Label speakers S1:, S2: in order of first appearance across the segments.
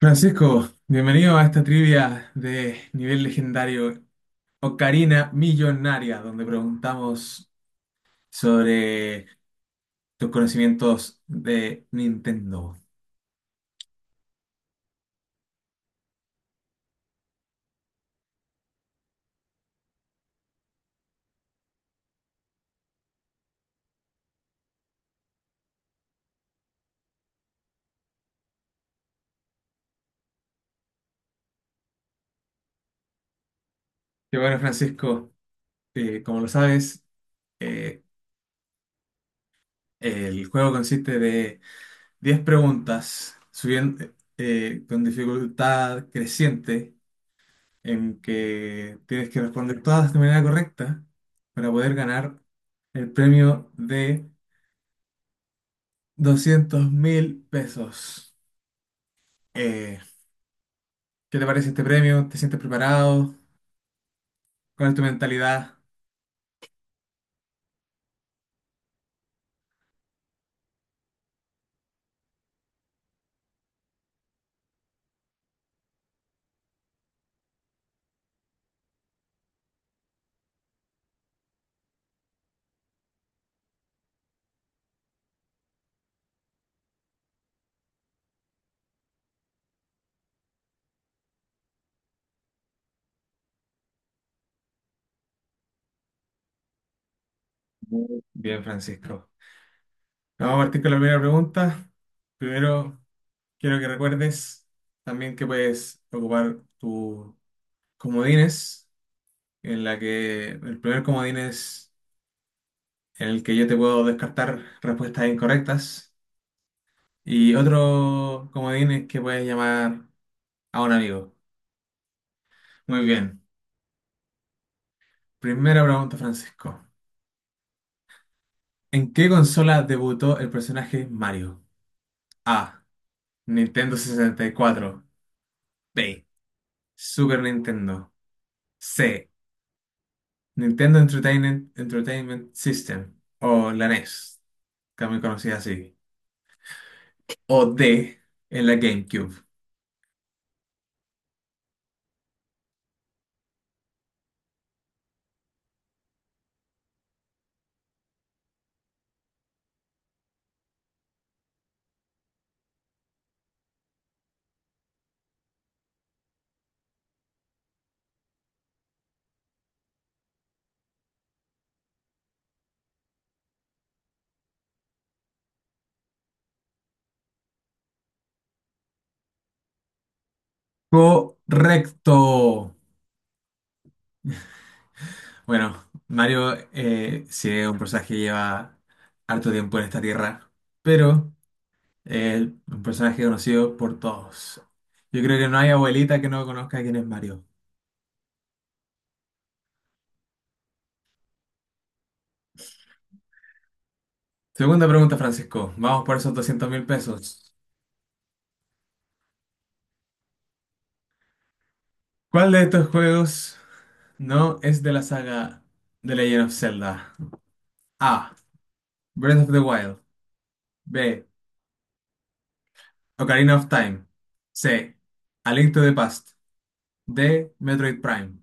S1: Francisco, bienvenido a esta trivia de nivel legendario Ocarina Millonaria, donde preguntamos sobre tus conocimientos de Nintendo. Y bueno, Francisco, como lo sabes, eh, el juego consiste de 10 preguntas subiendo, con dificultad creciente, en que tienes que responder todas de manera correcta para poder ganar el premio de 200.000 pesos. Eh, ¿Qué te parece este premio? ¿Te sientes preparado? ¿Cuál es tu mentalidad? Bien, Francisco. Vamos a partir con la primera pregunta. Primero, quiero que recuerdes también que puedes ocupar tus comodines, en la que el primer comodín es en el que yo te puedo descartar respuestas incorrectas y otro comodín es que puedes llamar a un amigo. Muy bien. Primera pregunta, Francisco. ¿En qué consola debutó el personaje Mario? A. Nintendo 64. B. Super Nintendo. C. Nintendo Entertainment, Entertainment System. O la NES, también conocida así. O D. En la GameCube. Correcto. Bueno, Mario sí es un personaje que lleva harto tiempo en esta tierra, pero es un personaje conocido por todos. Yo creo que no hay abuelita que no conozca quién es Mario. Segunda pregunta, Francisco. Vamos por esos 200.000 pesos. ¿Cuál de estos juegos no es de la saga The Legend of Zelda? A. Breath of the Wild. B. Ocarina of Time. C. A Link to the Past. D. Metroid Prime.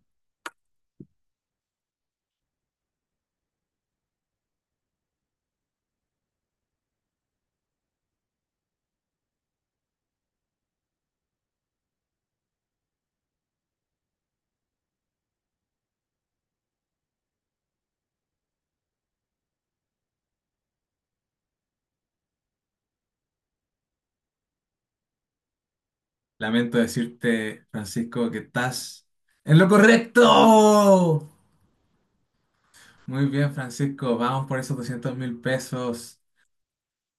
S1: Lamento decirte, Francisco, que estás en lo correcto. Muy bien, Francisco. Vamos por esos 200 mil pesos.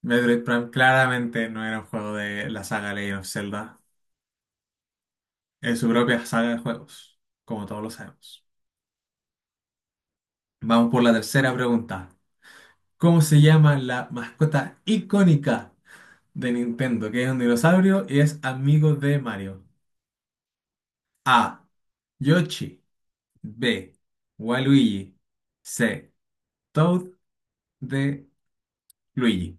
S1: Metroid Prime claramente no era un juego de la saga Legend of Zelda, en su propia saga de juegos, como todos lo sabemos. Vamos por la tercera pregunta. ¿Cómo se llama la mascota icónica de Nintendo, que es un dinosaurio y es amigo de Mario? A. Yoshi. B. Waluigi. C. Toad. D. Luigi.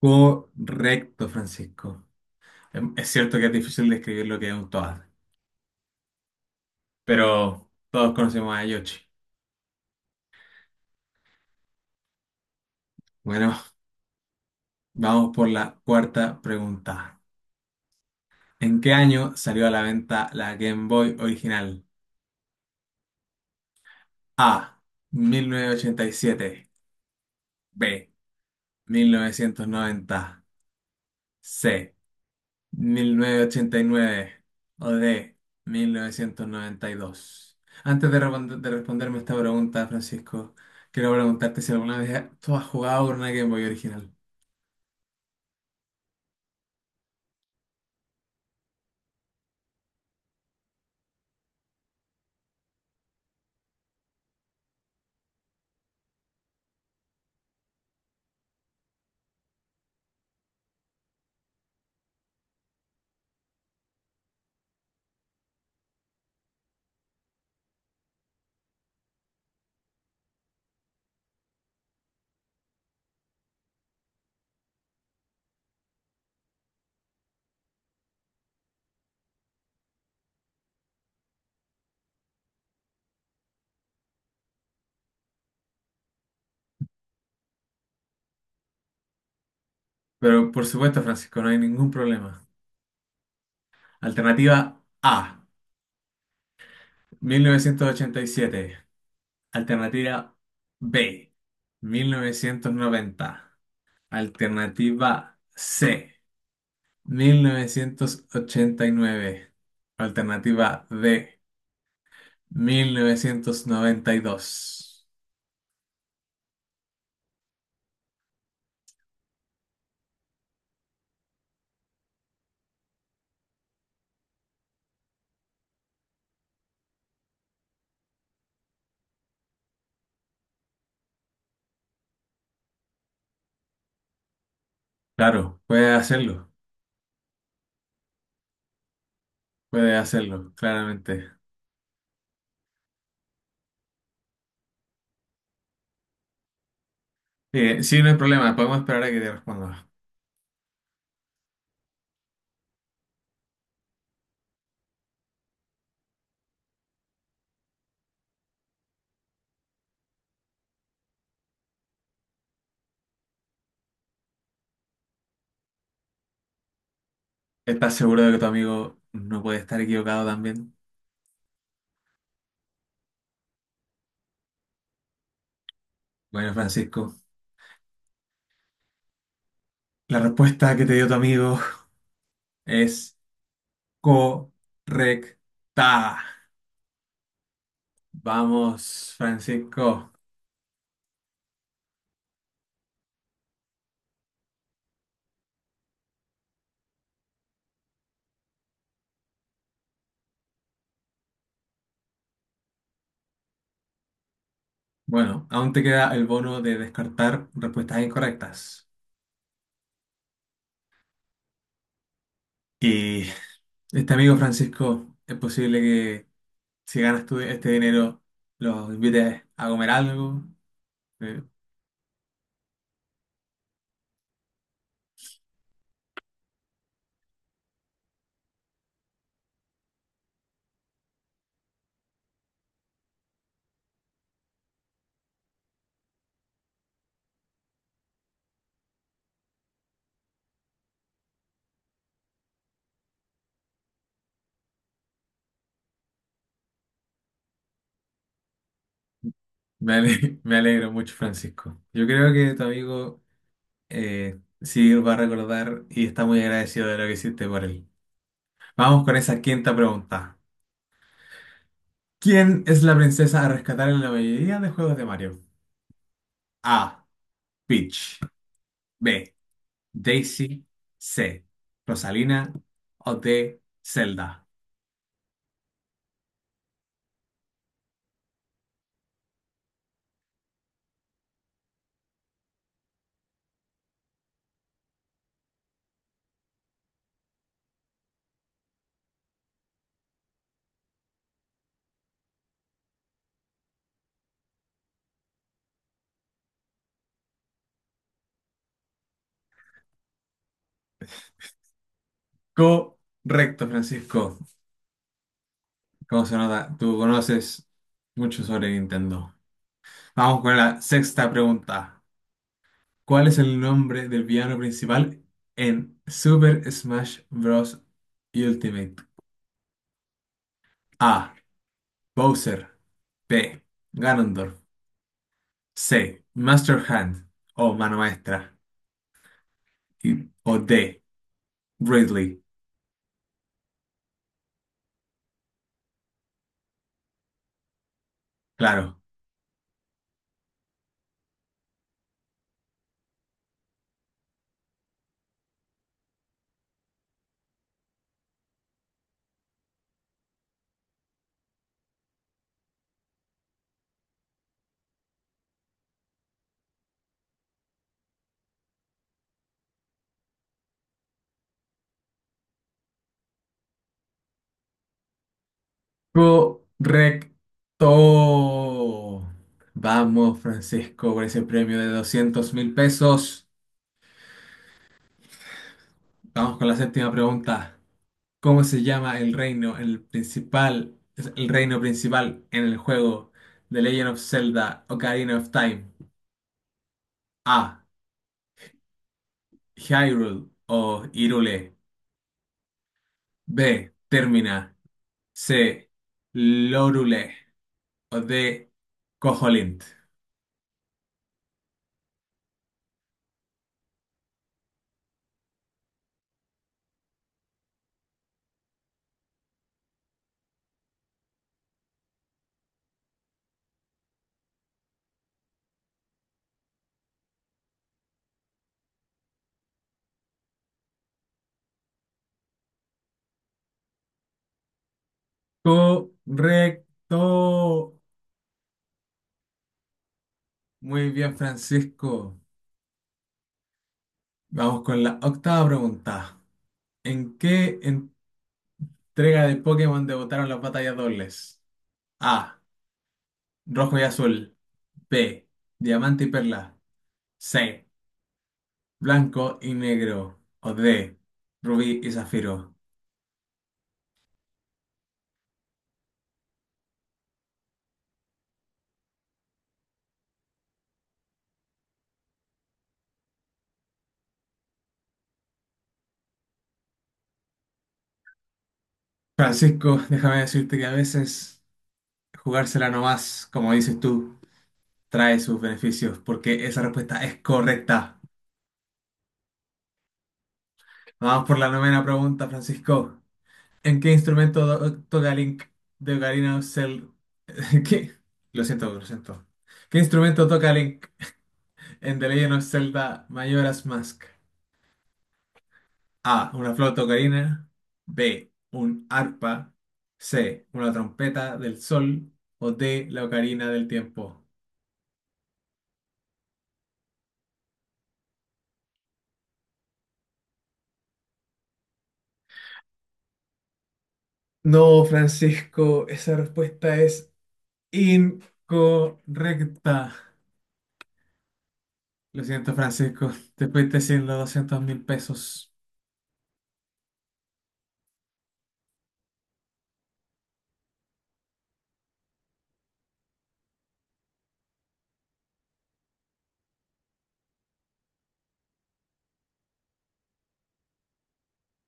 S1: Correcto, Francisco. Es cierto que es difícil describir lo que es un Toad, pero todos conocemos a Yoshi. Bueno, vamos por la cuarta pregunta. ¿En qué año salió a la venta la Game Boy original? A. 1987. B. 1990. C. 1989. O D. 1992. Antes de, de responderme esta pregunta, Francisco, quiero preguntarte si alguna vez tú has jugado con una Game Boy original. Pero por supuesto, Francisco, no hay ningún problema. Alternativa A. 1987. Alternativa B, 1990. Alternativa C, 1989. Alternativa D, 1992. Claro, puede hacerlo, claramente. Sí, no hay problema, podemos esperar a que te responda. ¿Estás seguro de que tu amigo no puede estar equivocado también? Bueno, Francisco, la respuesta que te dio tu amigo es correcta. Vamos, Francisco. Bueno, aún te queda el bono de descartar respuestas incorrectas. Y este amigo Francisco, es posible que si ganas tú este dinero, los invites a comer algo. Eh, me alegro mucho, Francisco. Yo creo que tu amigo sí va a recordar y está muy agradecido de lo que hiciste por él. Vamos con esa quinta pregunta. ¿Quién es la princesa a rescatar en la mayoría de juegos de Mario? A. Peach. B. Daisy. C. Rosalina o D. Zelda. Correcto, Francisco. ¿Cómo se nota? Tú conoces mucho sobre Nintendo. Vamos con la sexta pregunta. ¿Cuál es el nombre del villano principal en Super Smash Bros. Ultimate? A. Bowser. B. Ganondorf. C. Master Hand o mano maestra. O D. Ridley. Claro. Correcto. Vamos, Francisco, por ese premio de 200.000 pesos. Vamos con la séptima pregunta. ¿Cómo se llama el reino, el principal, el reino principal en el juego The Legend of Zelda Ocarina of Time? A. Hyrule o Hyrule. B. Termina. C. Lorule o D. Koholint. Correcto. Muy bien, Francisco. Vamos con la octava pregunta. ¿En qué entrega de Pokémon debutaron las batallas dobles? A. Rojo y azul. B. Diamante y perla. C. Blanco y negro. O D. Rubí y zafiro. Francisco, déjame decirte que a veces jugársela nomás, como dices tú, trae sus beneficios, porque esa respuesta es correcta. Vamos por la novena pregunta, Francisco. ¿En qué instrumento toca Link de Ocarina of Zelda? ¿Qué? Lo siento, lo siento. ¿Qué instrumento toca Link en The Legend of Zelda Majora's Mask? A. Una flauta ocarina. B. Un arpa. C. Una trompeta del sol. O D. La ocarina del tiempo. No, Francisco, esa respuesta es incorrecta. Lo siento, Francisco. Te fuiste sin los 200.000 pesos.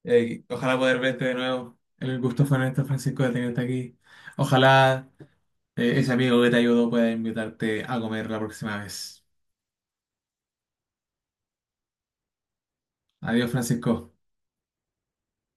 S1: Ojalá poder verte de nuevo. El gusto fue nuestro, Francisco, de tenerte aquí. Ojalá ese amigo que te ayudó pueda invitarte a comer la próxima vez. Adiós, Francisco.